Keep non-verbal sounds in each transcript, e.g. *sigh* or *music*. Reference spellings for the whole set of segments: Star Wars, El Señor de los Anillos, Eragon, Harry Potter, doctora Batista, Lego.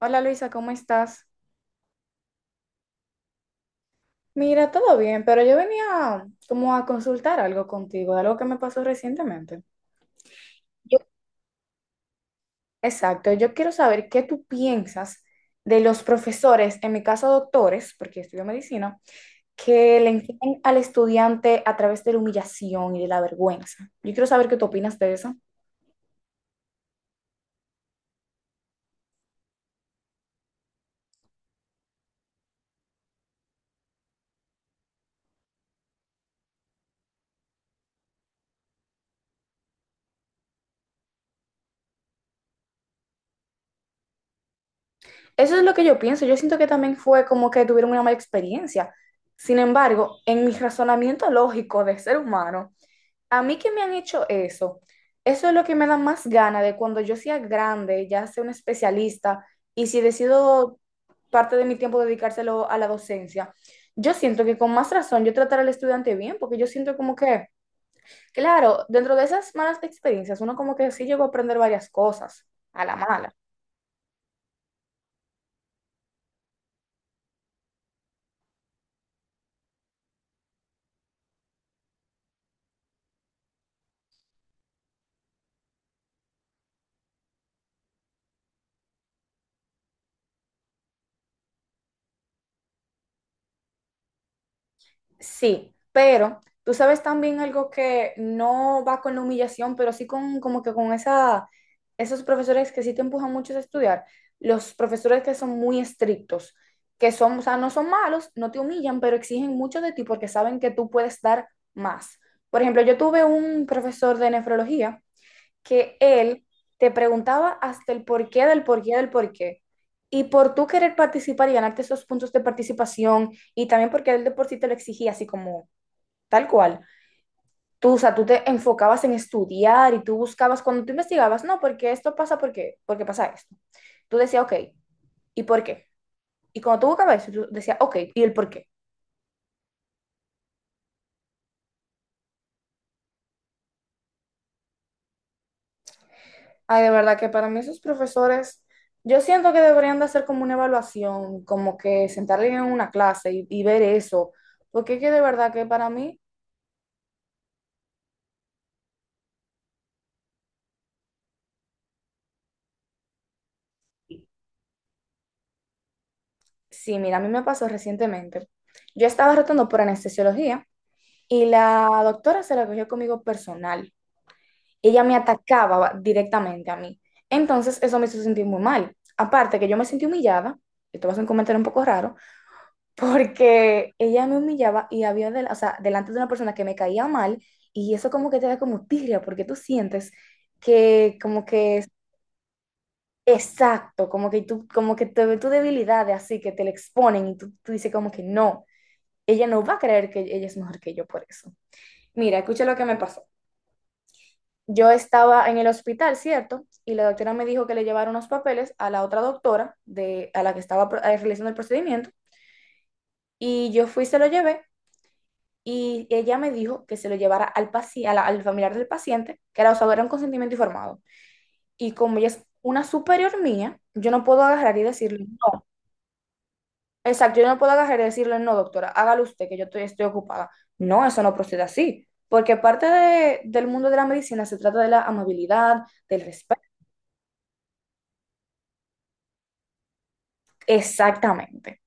Hola Luisa, ¿cómo estás? Mira, todo bien, pero yo venía como a consultar algo contigo, de algo que me pasó recientemente. Yo- Exacto, yo quiero saber qué tú piensas de los profesores, en mi caso doctores, porque estudio medicina, que le enseñan al estudiante a través de la humillación y de la vergüenza. Yo quiero saber qué tú opinas de eso. Eso es lo que yo pienso. Yo siento que también fue como que tuvieron una mala experiencia. Sin embargo, en mi razonamiento lógico de ser humano, a mí que me han hecho eso, eso es lo que me da más gana de cuando yo sea grande, ya sea un especialista, y si decido parte de mi tiempo dedicárselo a la docencia, yo siento que con más razón yo tratar al estudiante bien, porque yo siento como que, claro, dentro de esas malas experiencias, uno como que sí llegó a aprender varias cosas a la mala. Sí, pero tú sabes también algo que no va con la humillación, pero sí con como que con esa, esos profesores que sí te empujan mucho a estudiar, los profesores que son muy estrictos, que son, o sea, no son malos, no te humillan, pero exigen mucho de ti porque saben que tú puedes dar más. Por ejemplo, yo tuve un profesor de nefrología que él te preguntaba hasta el porqué del porqué del porqué. Y por tú querer participar y ganarte esos puntos de participación, y también porque él de por sí te lo exigía, así como tal cual. Tú, o sea, tú te enfocabas en estudiar y tú buscabas, cuando tú investigabas, no, porque esto pasa, porque, porque pasa esto. Tú decías, ok, ¿y por qué? Y cuando tú buscabas eso, tú decías, ok, ¿y el por qué? Ay, de verdad que para mí esos profesores, yo siento que deberían de hacer como una evaluación, como que sentarle en una clase y ver eso, porque es que de verdad que para mí, sí, mira, a mí me pasó recientemente. Yo estaba rotando por anestesiología y la doctora se la cogió conmigo personal. Ella me atacaba directamente a mí. Entonces, eso me hizo sentir muy mal. Aparte que yo me sentí humillada, esto va a ser un comentario un poco raro, porque ella me humillaba y había, o sea, delante de una persona que me caía mal y eso como que te da como tirria porque tú sientes que como que es exacto, como que tú, como que te ve tu debilidad de así, que te la exponen y tú dices como que no, ella no va a creer que ella es mejor que yo por eso. Mira, escucha lo que me pasó. Yo estaba en el hospital, ¿cierto? Y la doctora me dijo que le llevara unos papeles a la otra doctora de, a la que estaba realizando el procedimiento. Y yo fui, se lo llevé y ella me dijo que se lo llevara al, a al familiar del paciente, que era, o sea, era un consentimiento informado. Y como ella es una superior mía, yo no puedo agarrar y decirle, no, exacto, yo no puedo agarrar y decirle, no, doctora, hágalo usted, que yo estoy ocupada. No, eso no procede así, porque del mundo de la medicina se trata de la amabilidad, del respeto. Exactamente.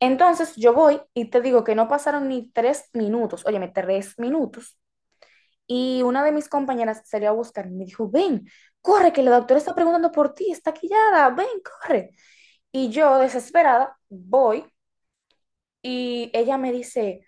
Entonces yo voy y te digo que no pasaron ni 3 minutos, óyeme, 3 minutos. Y una de mis compañeras salió a buscarme y me dijo, ven, corre, que la doctora está preguntando por ti, está quillada, ven, corre. Y yo, desesperada, voy y ella me dice,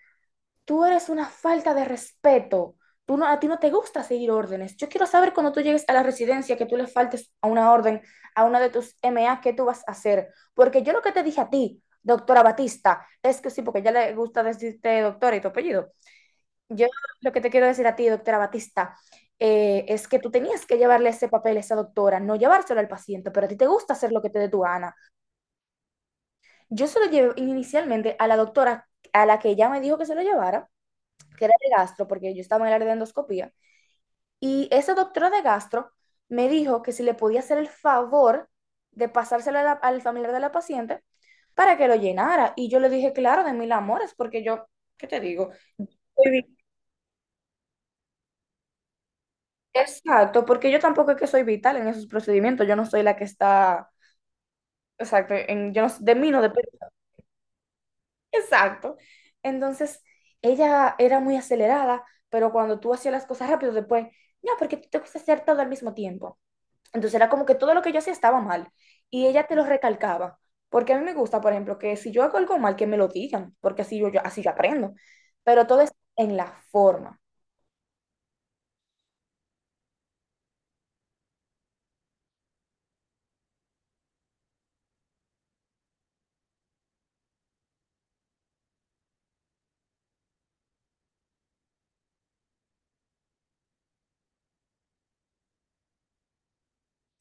tú eres una falta de respeto, tú no, a ti no te gusta seguir órdenes. Yo quiero saber cuando tú llegues a la residencia que tú le faltes a una orden, a una de tus MA, ¿qué tú vas a hacer? Porque yo lo que te dije a ti, doctora Batista, es que sí, porque ya le gusta decirte doctora y tu apellido. Yo lo que te quiero decir a ti, doctora Batista, es que tú tenías que llevarle ese papel a esa doctora, no llevárselo al paciente, pero a ti te gusta hacer lo que te dé tu gana. Yo se lo llevé inicialmente a la doctora a la que ella me dijo que se lo llevara, que era de gastro, porque yo estaba en el área de endoscopía, y esa doctora de gastro me dijo que si le podía hacer el favor de pasárselo a al familiar de la paciente para que lo llenara. Y yo le dije, claro, de mil amores, porque yo, ¿qué te digo? Estoy exacto, porque yo tampoco es que soy vital en esos procedimientos, yo no soy la que está, exacto, en, yo no- de mí no depende. Exacto. Entonces, ella era muy acelerada, pero cuando tú hacías las cosas rápido, después, no, porque tú te gusta hacer todo al mismo tiempo. Entonces era como que todo lo que yo hacía estaba mal y ella te lo recalcaba, porque a mí me gusta, por ejemplo, que si yo hago algo mal, que me lo digan, porque así así yo aprendo, pero todo es en la forma.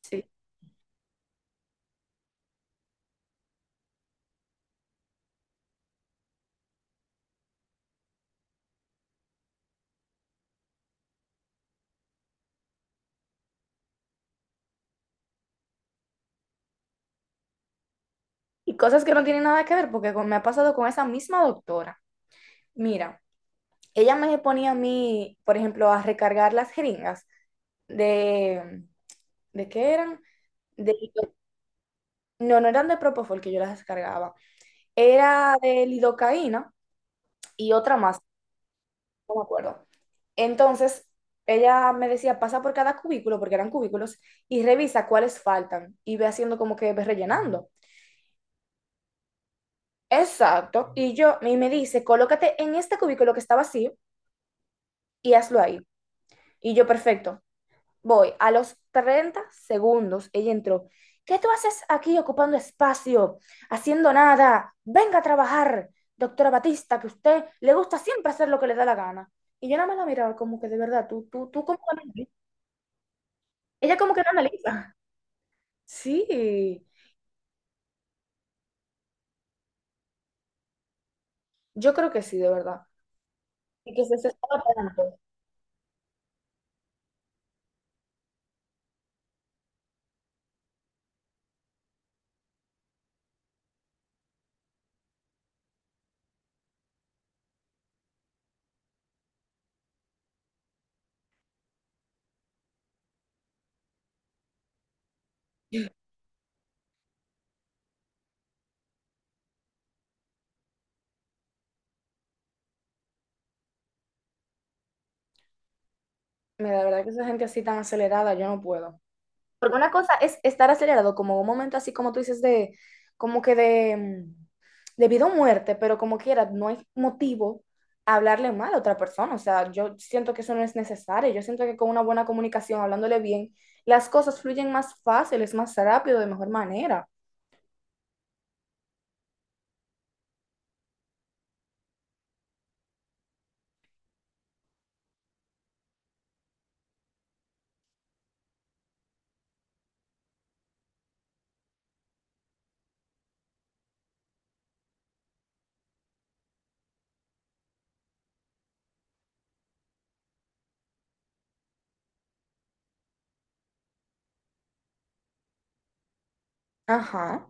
Sí, y cosas que no tienen nada que ver, porque me ha pasado con esa misma doctora. Mira, ella me ponía a mí, por ejemplo, a recargar las jeringas de, ¿de qué eran? De, no, no eran de Propofol que yo las descargaba, era de lidocaína y otra más, no me acuerdo. Entonces, ella me decía, pasa por cada cubículo, porque eran cubículos, y revisa cuáles faltan, y ve haciendo como que ve rellenando. Exacto, y yo, y me dice, colócate en este cubículo que está vacío y hazlo ahí. Y yo, perfecto, voy, a los 30 segundos, ella entró. ¿Qué tú haces aquí ocupando espacio, haciendo nada? Venga a trabajar, doctora Batista, que a usted le gusta siempre hacer lo que le da la gana. Y yo nada más la miraba como que de verdad, tú como analiza. Ella como que no analiza. *laughs* Sí, yo creo que sí, de verdad. Y que se desespera tanto. Mira, de verdad que esa gente así tan acelerada, yo no puedo. Porque una cosa es estar acelerado, como un momento así como tú dices de, como que de, de vida o muerte, pero como quiera, no hay motivo a hablarle mal a otra persona. O sea, yo siento que eso no es necesario. Yo siento que con una buena comunicación, hablándole bien, las cosas fluyen más fácil es más rápido, de mejor manera. Ajá,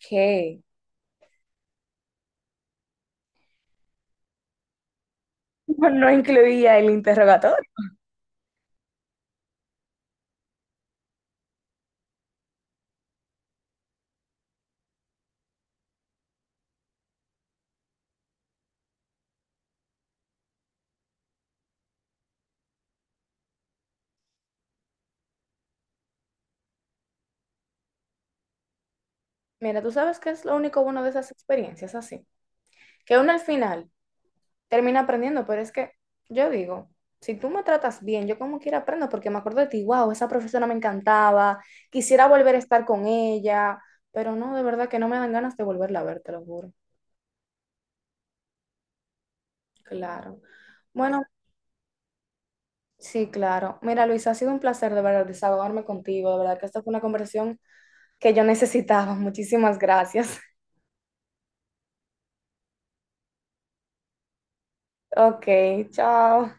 ¿qué? No incluía el interrogatorio. Mira, tú sabes qué es lo único bueno de esas experiencias así, que uno al final termina aprendiendo, pero es que yo digo, si tú me tratas bien, yo como quiera aprendo, porque me acuerdo de ti, wow, esa profesora me encantaba, quisiera volver a estar con ella, pero no, de verdad que no me dan ganas de volverla a ver, te lo juro. Claro. Bueno, sí, claro. Mira, Luis, ha sido un placer de verdad desahogarme contigo, de verdad que esta fue una conversación que yo necesitaba. Muchísimas gracias. *laughs* Ok, chao.